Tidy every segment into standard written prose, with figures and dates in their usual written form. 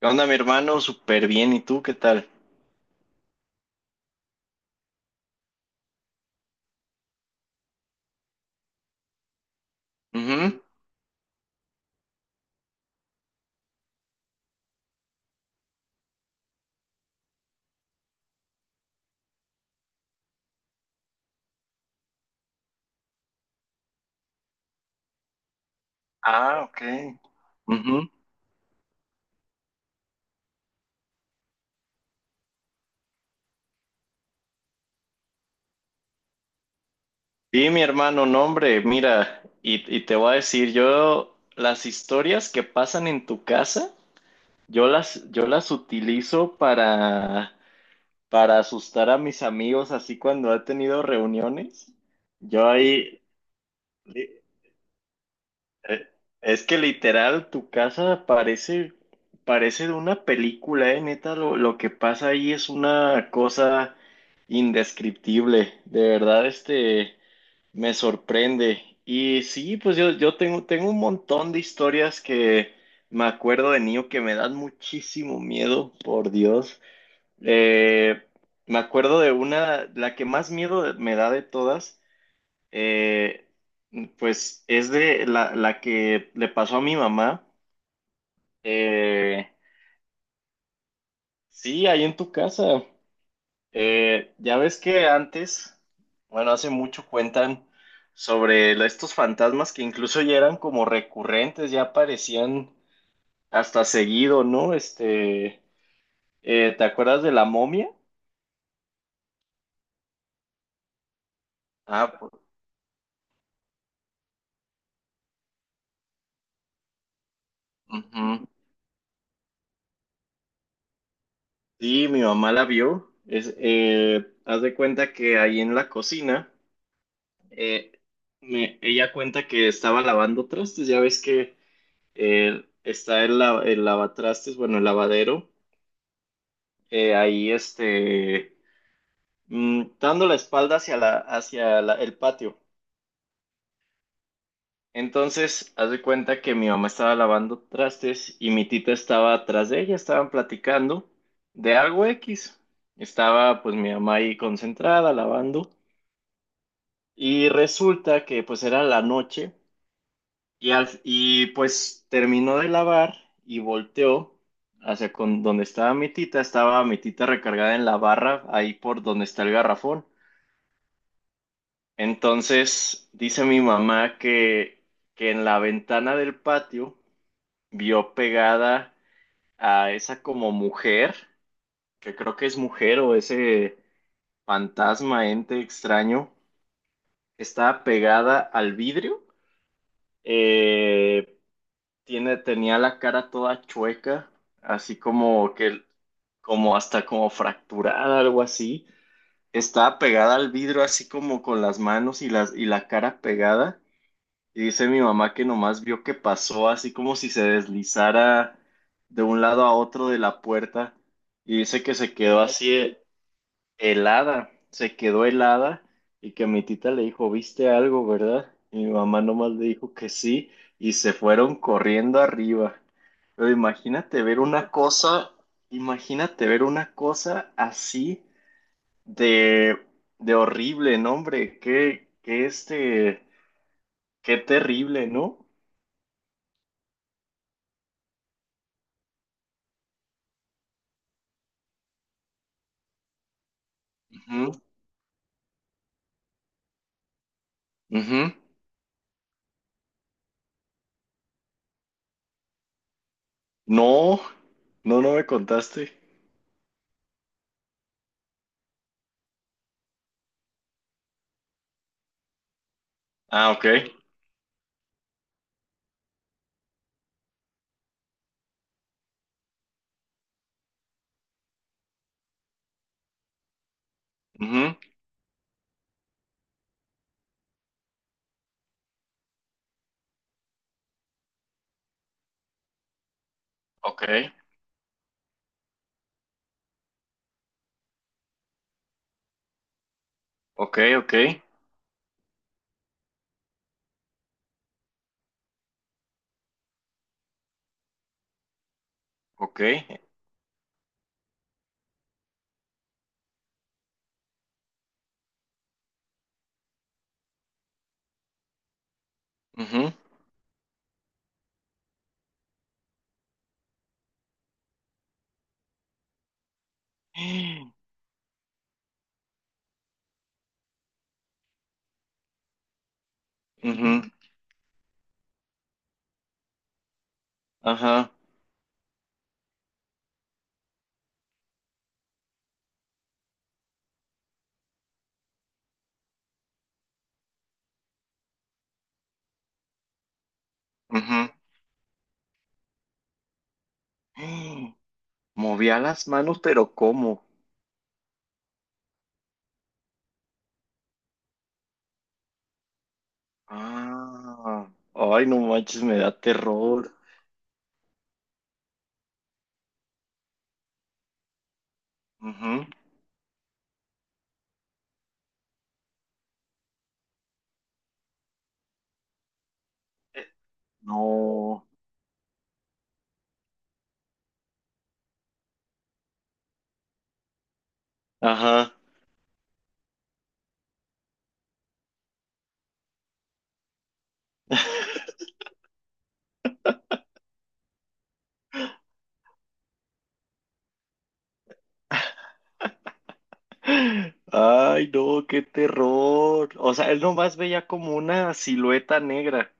¿Qué onda, mi hermano? Súper bien. ¿Y tú qué tal? Ujú. Ah, ok. Ujú. Sí, mi hermano, no, hombre, mira, y te voy a decir, yo las historias que pasan en tu casa, yo las utilizo para asustar a mis amigos, así cuando he tenido reuniones. Yo ahí. Eh, Es que literal tu casa parece de una película, neta, lo que pasa ahí es una cosa indescriptible. De verdad, me sorprende. Y sí, pues yo tengo un montón de historias que me acuerdo de niño que me dan muchísimo miedo, por Dios. Eh, Me acuerdo de una, la que más miedo me da de todas, eh, pues es de la que le pasó a mi mamá. Eh, sí, ahí en tu casa. Ya ves que antes, bueno, hace mucho cuentan sobre estos fantasmas que incluso ya eran como recurrentes, ya aparecían hasta seguido, ¿no? ¿Te acuerdas de la momia? Ah, pues, ujú. Sí, mi mamá la vio. Haz de cuenta que ahí en la cocina, eh, ella cuenta que estaba lavando trastes, ya ves que, está el lavatrastes, bueno, el lavadero, eh, ahí este, dando la espalda hacia, hacia el patio. Entonces, haz de cuenta que mi mamá estaba lavando trastes y mi tita estaba atrás de ella, estaban platicando de algo X. Estaba pues mi mamá ahí concentrada lavando y resulta que pues era la noche. Y pues terminó de lavar y volteó hacia con donde estaba mi tita. Estaba mi tita recargada en la barra, ahí por donde está el garrafón. Entonces dice mi mamá que en la ventana del patio vio pegada a esa como mujer, que creo que es mujer o ese fantasma, ente extraño, estaba pegada al vidrio. Eh, tenía la cara toda chueca, así como como hasta como fracturada, algo así. Estaba pegada al vidrio, así como con las manos y y la cara pegada. Y dice mi mamá que nomás vio que pasó, así como si se deslizara de un lado a otro de la puerta. Y dice que se quedó así, helada, se quedó helada y que mi tita le dijo, ¿viste algo, verdad? Y mi mamá nomás le dijo que sí y se fueron corriendo arriba. Pero imagínate ver una cosa, imagínate ver una cosa así de, de horrible, no, hombre, qué terrible, ¿no? Ujú, ujú. No, no, no me contaste. Ah, ok. Ujú. Ok, ok, ok, ok. Ujú. Ujú, ajá, ujú. Movía las manos, pero ¿cómo? Ah, ay, no manches, me da terror. Ujú. Eh, No, ajá. Ay, no, qué terror. O sea, él nomás veía como una silueta negra.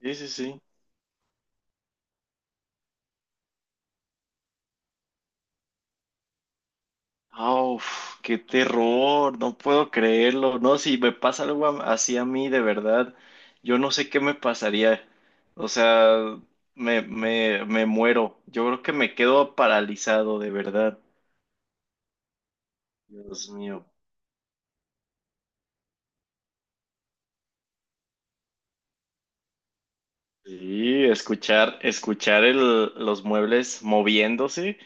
Sí, sí, sí. Ah, uf, qué terror, no puedo creerlo. No, si me pasa algo así a mí, de verdad, yo no sé qué me pasaría. O sea, me muero. Yo creo que me quedo paralizado, de verdad. Dios mío. Sí, escuchar los muebles moviéndose.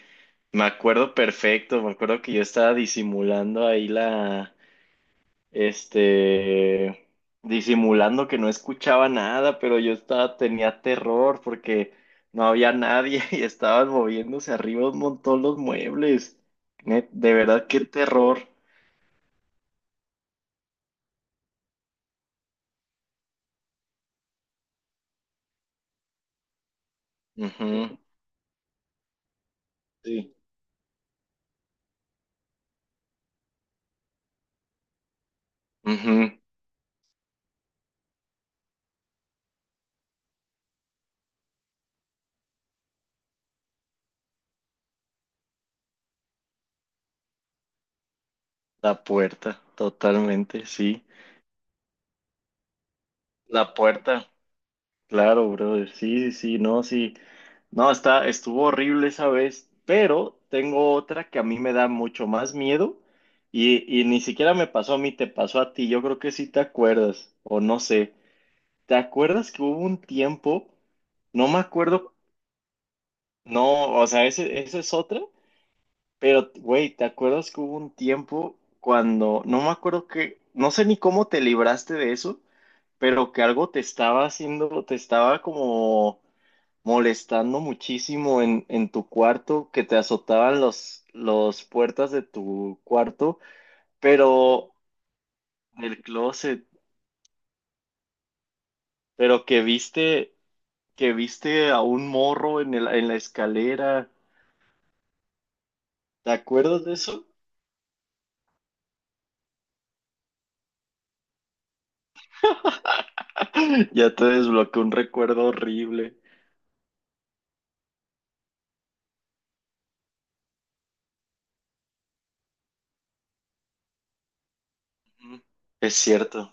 Me acuerdo perfecto, me acuerdo que yo estaba disimulando ahí la, este, disimulando que no escuchaba nada, pero yo estaba, tenía terror porque no había nadie y estaban moviéndose arriba un montón los muebles. De verdad, qué terror. Ujú. Sí. Ujú. La puerta, totalmente, sí. La puerta. Claro, brother. Sí, sí, sí, no, sí. No, estuvo horrible esa vez, pero tengo otra que a mí me da mucho más miedo y ni siquiera me pasó a mí, te pasó a ti. Yo creo que sí te acuerdas, o no sé. ¿Te acuerdas que hubo un tiempo? No me acuerdo, no, o sea, ese, esa es otra, pero, güey, ¿te acuerdas que hubo un tiempo cuando, no me acuerdo que, no sé ni cómo te libraste de eso, pero que algo te estaba haciendo, te estaba como molestando muchísimo en tu cuarto, que te azotaban los puertas de tu cuarto, pero del closet, pero que viste a un morro en en la escalera. ¿Te acuerdas de eso? Ya te desbloqueó un recuerdo horrible. Ujú. Es cierto.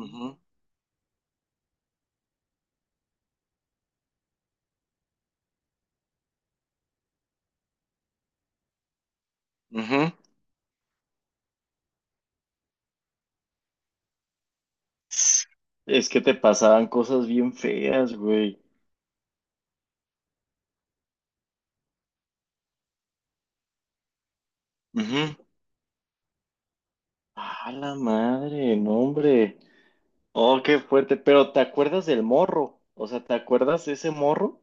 Ujú, ujú. Es que te pasaban cosas bien feas, güey. Ujú. A la madre, no, hombre. Oh, qué fuerte. Pero ¿te acuerdas del morro? O sea, ¿te acuerdas de ese morro?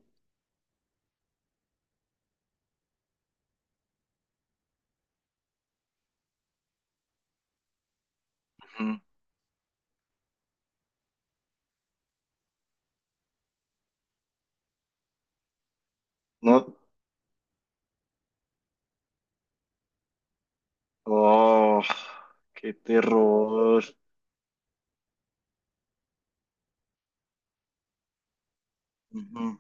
Ujú. No. Oh, qué terror. Ujú.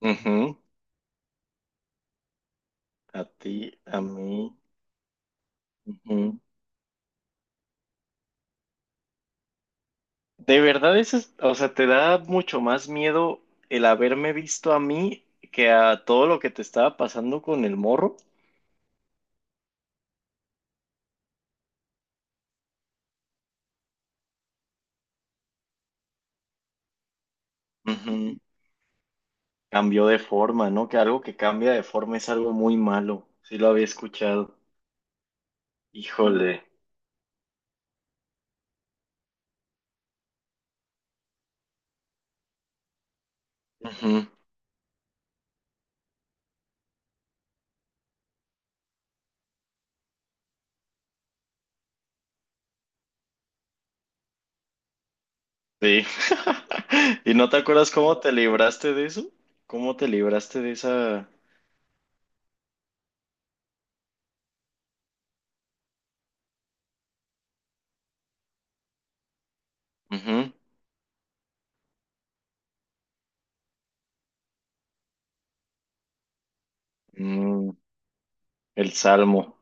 Ujú. A ti, a mí. Ujú. De verdad, eso es, o sea, te da mucho más miedo el haberme visto a mí que a todo lo que te estaba pasando con el morro. Ujú. Cambió de forma, ¿no? Que algo que cambia de forma es algo muy malo. Sí lo había escuchado. Híjole. Ujú. Sí. ¿Y no te acuerdas cómo te libraste de eso? ¿Cómo te libraste de esa... Ujú. Mm, el salmo.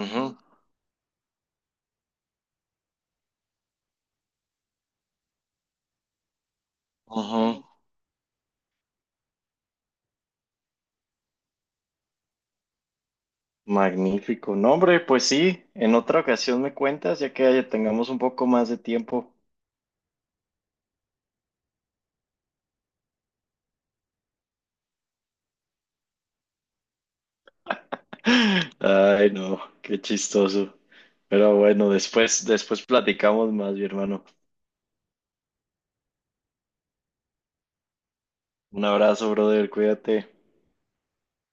Ujú, ujú. Magnífico. No, hombre, pues sí, en otra ocasión me cuentas, ya que ya tengamos un poco más de tiempo. Ay, no, qué chistoso. Pero bueno, después, después platicamos más, mi hermano. Un abrazo, brother, cuídate.